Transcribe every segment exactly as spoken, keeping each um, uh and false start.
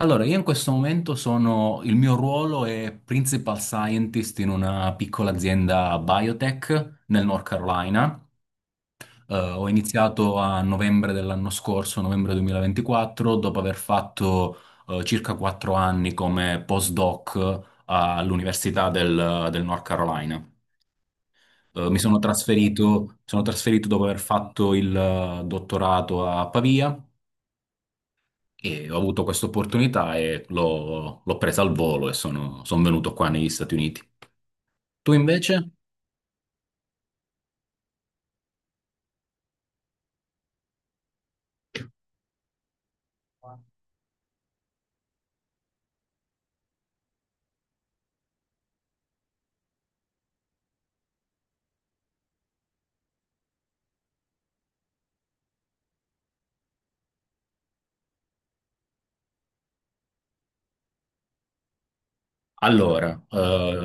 Allora, io in questo momento sono, il mio ruolo è Principal Scientist in una piccola azienda biotech nel North Carolina. Eh, ho iniziato a novembre dell'anno scorso, novembre duemilaventiquattro, dopo aver fatto eh, circa quattro anni come postdoc all'Università del, del North Carolina. Eh, mi sono trasferito, sono trasferito dopo aver fatto il eh, dottorato a Pavia. E ho avuto questa opportunità e l'ho l'ho presa al volo e sono, sono venuto qua negli Stati Uniti. Tu invece? Allora, eh,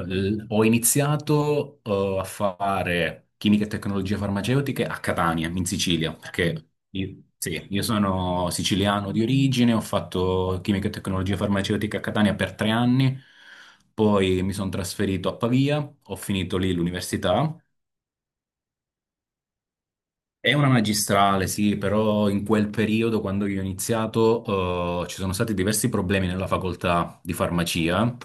l- ho iniziato, eh, a fare chimica e tecnologie farmaceutiche a Catania, in Sicilia, perché io, sì, io sono siciliano di origine, ho fatto chimica e tecnologie farmaceutiche a Catania per tre anni, poi mi sono trasferito a Pavia, ho finito lì l'università. È una magistrale, sì, però in quel periodo, quando io ho iniziato, eh, ci sono stati diversi problemi nella facoltà di farmacia,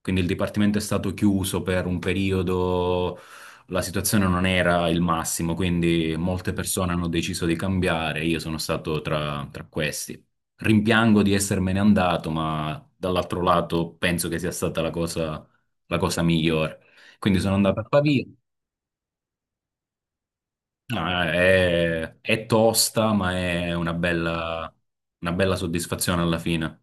quindi il dipartimento è stato chiuso per un periodo, la situazione non era il massimo, quindi molte persone hanno deciso di cambiare, io sono stato tra, tra questi. Rimpiango di essermene andato, ma dall'altro lato penso che sia stata la cosa, la cosa migliore. Quindi sono andato a Pavia. No, è, è tosta, ma è una bella, una bella soddisfazione alla fine.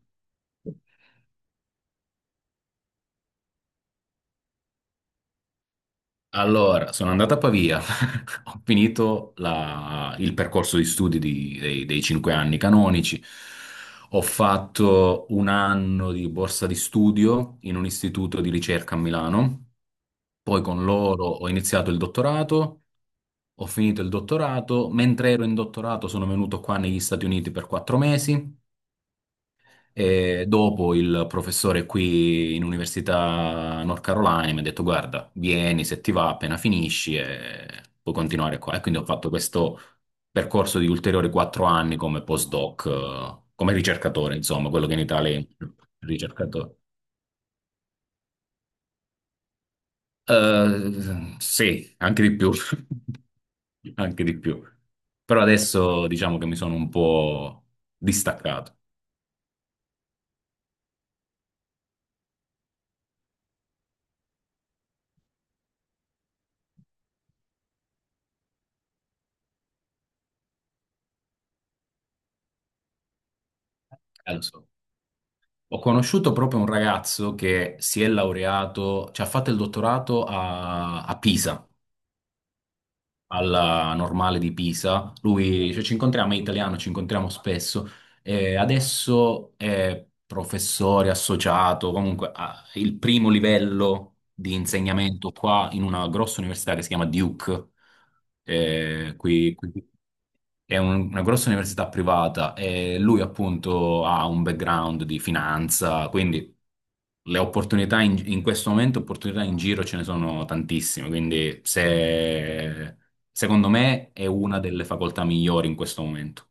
Allora, sono andato a Pavia, ho finito la- il percorso di studi di- dei, dei cinque anni canonici, ho fatto un anno di borsa di studio in un istituto di ricerca a Milano, poi con loro ho iniziato il dottorato, ho finito il dottorato, mentre ero in dottorato sono venuto qua negli Stati Uniti per quattro mesi. E dopo il professore qui in Università North Carolina mi ha detto: Guarda, vieni se ti va, appena finisci e puoi continuare qua. E quindi ho fatto questo percorso di ulteriori quattro anni come postdoc, eh, come ricercatore, insomma, quello che in Italia è ricercatore. Eh, sì, anche di più, anche di più. Però adesso diciamo che mi sono un po' distaccato. Eh, lo so. Ho conosciuto proprio un ragazzo che si è laureato, cioè ha fatto il dottorato a, a Pisa, alla Normale di Pisa. Lui, cioè, ci incontriamo, è italiano, ci incontriamo spesso. E adesso è professore associato, comunque ha il primo livello di insegnamento qua in una grossa università che si chiama Duke, eh, qui qui è un- una grossa università privata e lui appunto ha un background di finanza, quindi le opportunità in, in questo momento, opportunità in giro ce ne sono tantissime, quindi se, secondo me è una delle facoltà migliori in questo momento.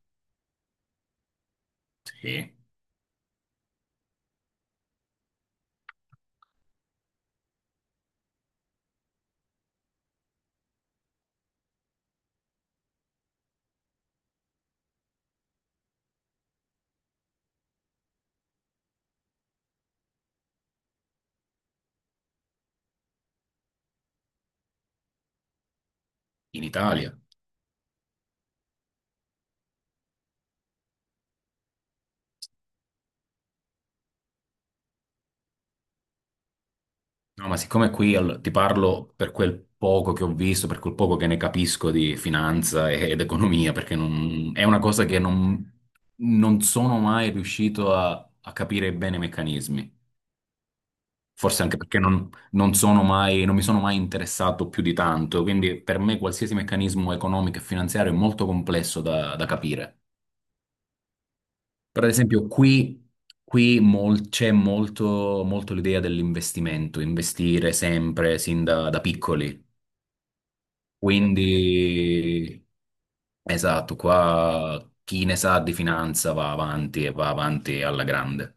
Sì, in Italia. No, ma siccome qui al- ti parlo per quel poco che ho visto, per quel poco che ne capisco di finanza e- ed economia, perché non- è una cosa che non, non sono mai riuscito a, a capire bene i meccanismi. Forse anche perché non, non sono mai- non mi sono mai interessato più di tanto, quindi per me qualsiasi meccanismo economico e finanziario è molto complesso da, da capire. Per esempio, qui, qui mol- c'è molto, molto l'idea dell'investimento, investire sempre sin da da piccoli. Quindi, esatto, qua chi ne sa di finanza va avanti e va avanti alla grande.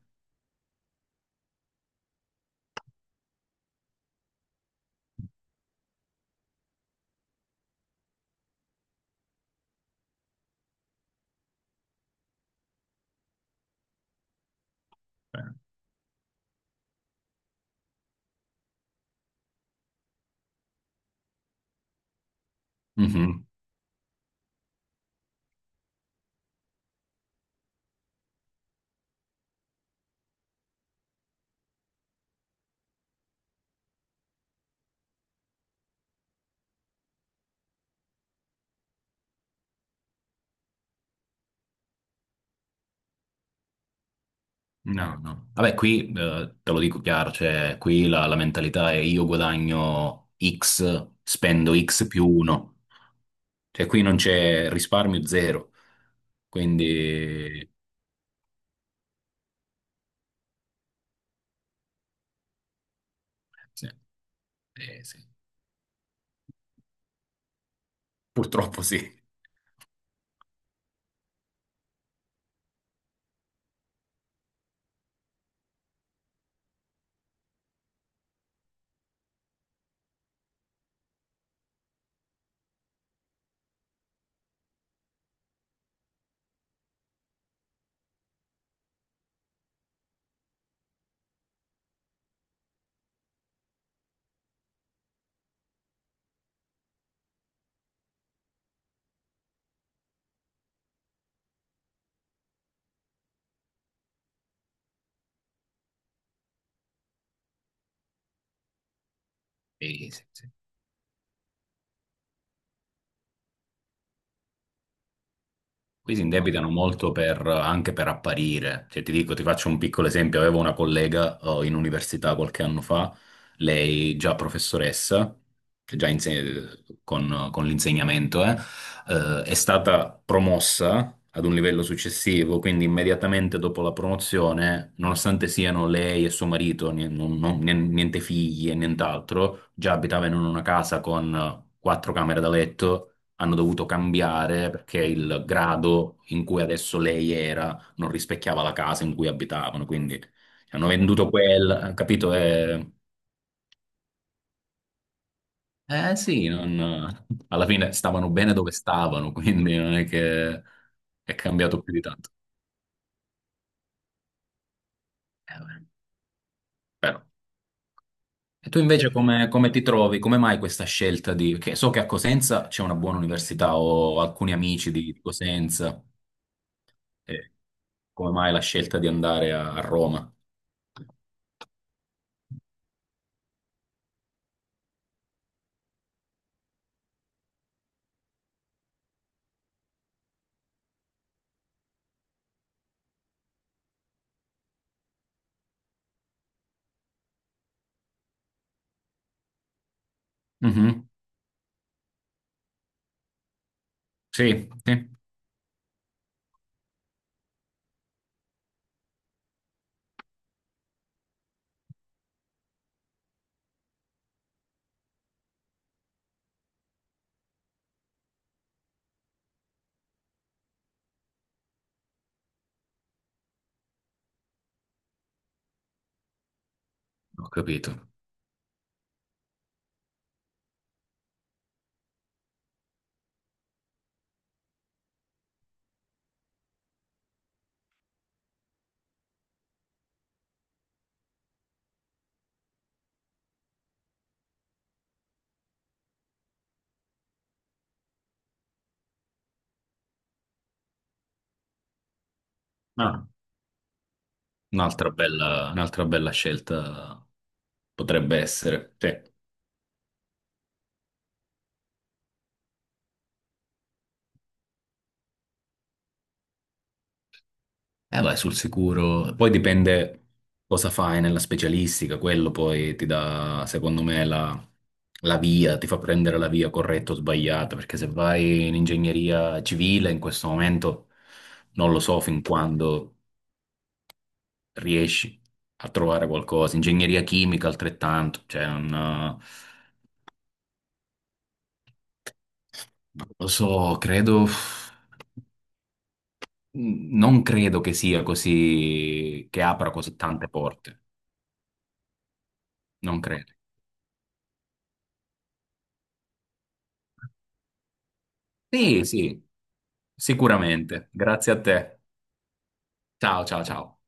Eh. Mhm. No, no. Vabbè, qui eh, te lo dico chiaro, cioè qui la, la mentalità è io guadagno X, spendo X più uno. Cioè qui non c'è risparmio zero. Quindi, sì. Eh, sì. Purtroppo sì. Sì, sì, sì. Qui si indebitano molto per- anche per apparire. Cioè, ti dico, ti faccio un piccolo esempio. Avevo una collega, eh, in università qualche anno fa, lei già professoressa, che già inse- con, con l'insegnamento, eh, eh, è stata promossa ad un livello successivo, quindi immediatamente dopo la promozione, nonostante siano lei e suo marito, ni- non- non- niente figli e nient'altro, già abitavano in una casa con eh, quattro camere da letto. Hanno dovuto cambiare perché il grado in cui adesso lei era non rispecchiava la casa in cui abitavano, quindi hanno venduto quel, capito? Eh, eh sì, non- alla fine stavano bene dove stavano, quindi non è che è cambiato più di tanto. Eh, beh, però. E tu invece come, come ti trovi? Come mai questa scelta di... Che so che a Cosenza c'è una buona università, ho alcuni amici di di Cosenza. Eh, come mai la scelta di andare a, a Roma? Mhm. Sì, sì, ho capito. Ah, un'altra bella, un'altra bella scelta potrebbe essere. Sì. Eh, vai sul sicuro. Poi dipende cosa fai nella specialistica, quello poi ti dà, secondo me, la, la via, ti fa prendere la via corretta o sbagliata, perché se vai in ingegneria civile in questo momento non lo so fin quando riesci a trovare qualcosa. Ingegneria chimica altrettanto, cioè non... Non lo so, credo. Non credo che sia così, che apra così tante porte. Non credo. Sì, sì, sicuramente. Grazie a te. Ciao, ciao, ciao.